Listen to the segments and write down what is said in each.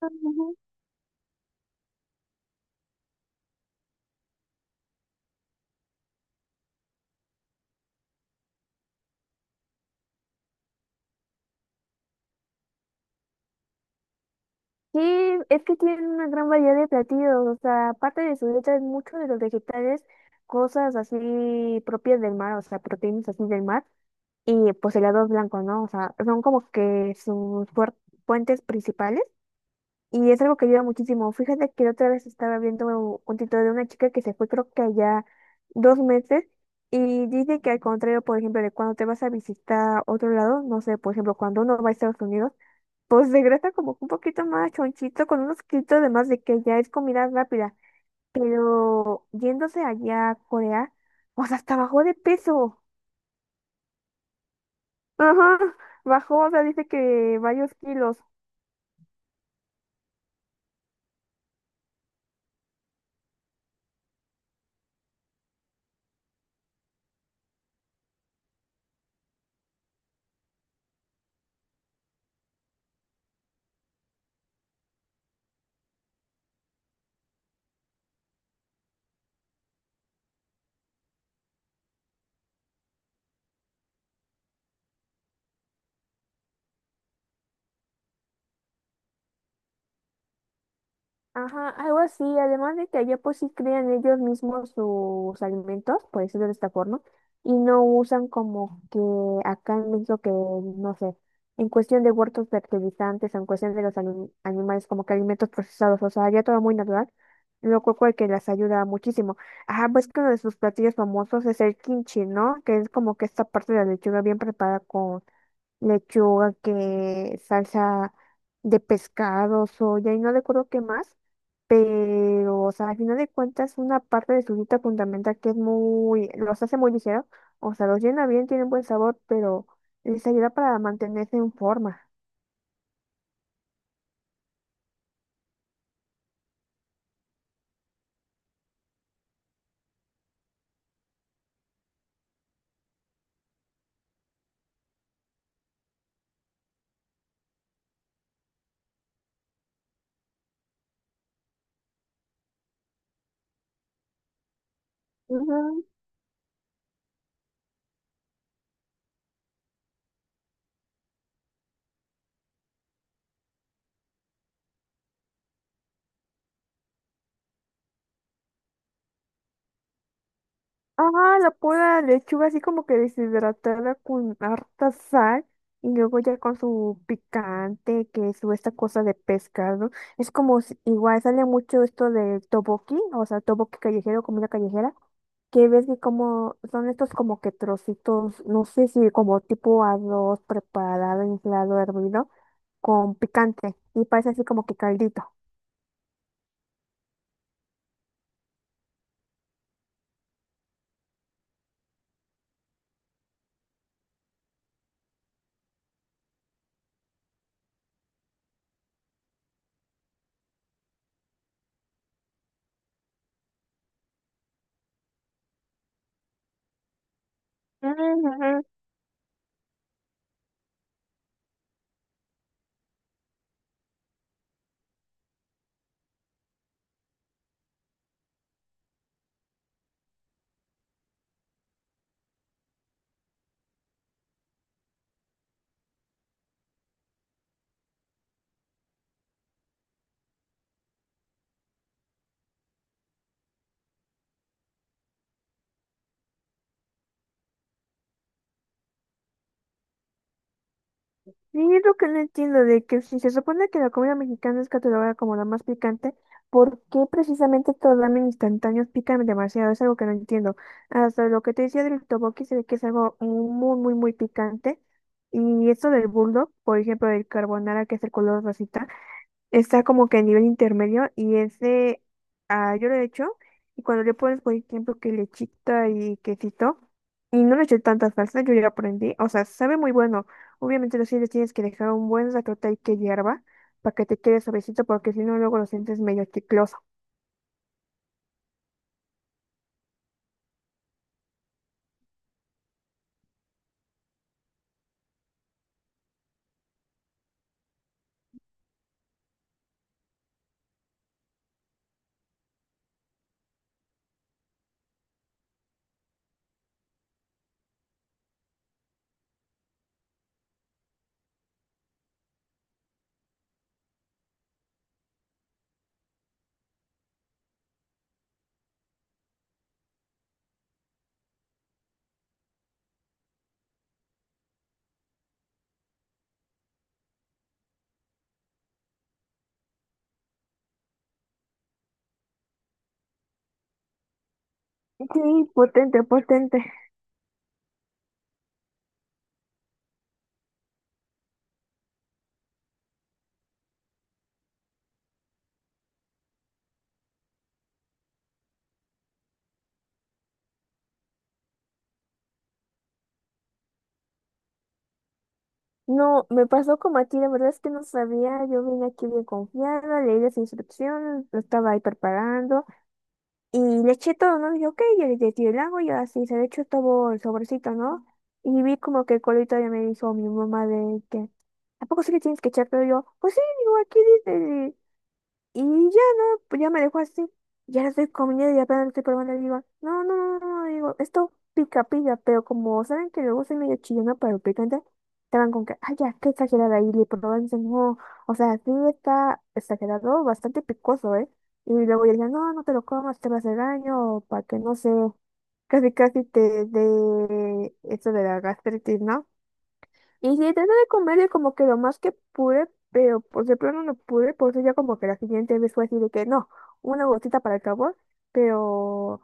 Ujú. Sí, es que tienen una gran variedad de platillos, o sea, aparte de su dieta, muchos de los vegetales, cosas así propias del mar, o sea, proteínas así del mar, y pues helados blancos, ¿no? O sea, son como que sus fuentes principales, y es algo que ayuda muchísimo. Fíjate que otra vez estaba viendo un título de una chica que se fue creo que allá dos meses, y dice que al contrario, por ejemplo, de cuando te vas a visitar otro lado, no sé, por ejemplo, cuando uno va a Estados Unidos, pues regresa como un poquito más chonchito, con unos kilitos de más de que ya es comida rápida. Pero yéndose allá a Corea, o sea, hasta bajó de peso. Ajá, bajó, o sea, dice que varios kilos. Ajá, algo así, además de que allá pues sí crean ellos mismos sus alimentos, por decirlo de esta forma, y no usan como que acá en México que, no sé, en cuestión de huertos fertilizantes, en cuestión de los animales como que alimentos procesados, o sea, ya todo muy natural, lo cual que les ayuda muchísimo. Ajá, pues que uno de sus platillos famosos es el kimchi, ¿no? Que es como que esta parte de la lechuga bien preparada con lechuga, que salsa de pescado, soya y no recuerdo qué más pero, o sea, al final de cuentas, una parte de su dieta fundamental que es muy, los hace muy ligero, o sea, los llena bien, tienen buen sabor, pero les ayuda para mantenerse en forma. Ujú. Ah, la pura lechuga así como que deshidratada con harta sal y luego ya con su picante, que su esta cosa de pescado. Es como igual sale mucho esto de toboki, o sea, toboki callejero, comida callejera que ves que como son estos como que trocitos, no sé si como tipo arroz preparado, inflado, hervido, con picante, y parece así como que caldito. Ujú. Sí, es lo que no entiendo de que si se supone que la comida mexicana es catalogada como la más picante, ¿por qué precisamente todos los ramen instantáneos pican demasiado? Es algo que no entiendo. Hasta lo que te decía del tteokbokki se ve que es algo muy, muy, muy picante. Y esto del bulldog, por ejemplo, del carbonara que es el color rosita, está como que a nivel intermedio. Y ese, ah, yo lo he hecho, y cuando le pones por ejemplo que lechita y quesito y no le eché tanta salsa, yo ya lo aprendí, o sea, sabe muy bueno. Obviamente los chiles tienes que dejar un buen ratote ahí que hierva para que te quede suavecito porque si no luego lo sientes medio chicloso. Sí, potente, potente. No, me pasó como a ti, la verdad es que no sabía, yo vine aquí bien confiada, leí las instrucciones, lo estaba ahí preparando, y le eché todo, ¿no? Y dije, ok, yo le eché el agua y así se le echó todo el sobrecito, ¿no? Y vi como que el colito ya me dijo mi mamá de que, ¿a poco sí le tienes que echar todo? Y yo, pues sí, digo, aquí dice. Y ya no, pues ya me dejó así. Ya la estoy comiendo y apenas la estoy probando. Le digo, no, no, no, no, no, digo, esto pica, pica, pero como saben que luego soy medio chillona para el picante, estaban con que, ay, ya, qué exagerada. Y le probaban y dicen, no, o sea, sí está exagerado, bastante picoso, ¿eh? Y luego ya decían, no, no te lo comas, te va a hacer daño, o para que no sé, casi, casi te dé eso de la gastritis, ¿no? Y sí, traté de comerle como que lo más que pude, pero pues de plano no pude, por eso ya como que la siguiente vez fue así de que no, una gotita para el sabor, pero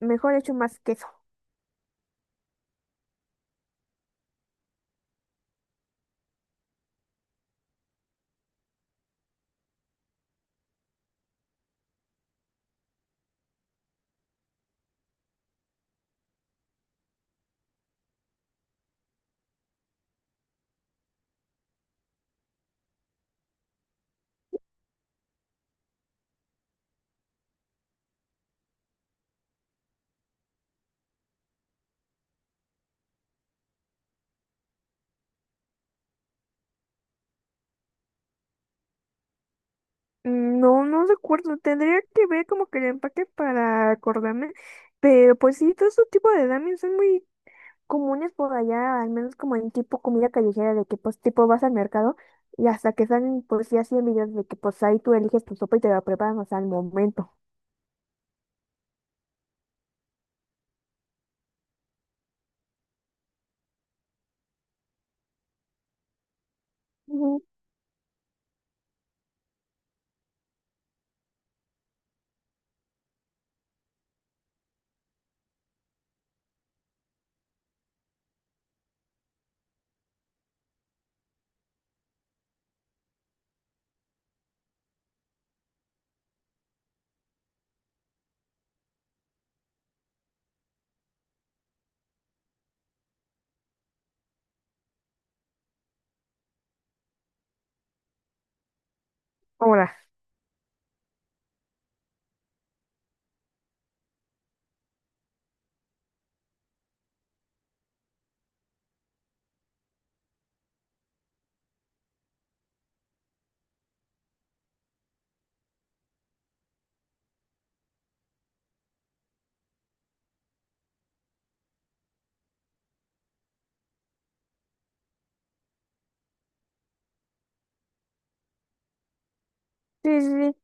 mejor hecho más queso. Mm, no, no recuerdo, tendría que ver como que el empaque para acordarme, pero pues sí, todo ese tipo de ramen son muy comunes por allá, al menos como en tipo comida callejera, de que pues tipo vas al mercado y hasta que salen pues ya 100 videos de que pues ahí tú eliges tu sopa y te la preparan, o sea, al momento. Ujú. Ahora. Sí, sí, sí.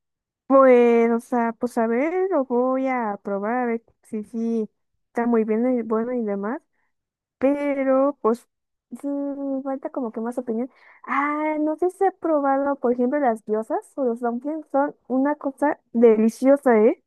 Pues, o sea, pues a ver, lo voy a probar, a ver si sí está muy bien y bueno y demás, pero pues sí, me falta como que más opinión. Ah, no sé si he probado, por ejemplo, las diosas o los dumplings son una cosa deliciosa, ¿eh?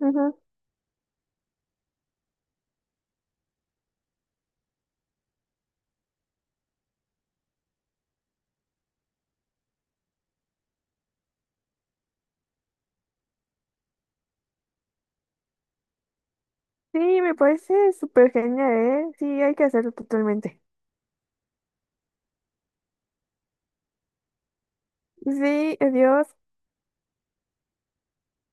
Ujú. Sí, me parece súper genial, ¿eh? Sí, hay que hacerlo totalmente. Sí, adiós.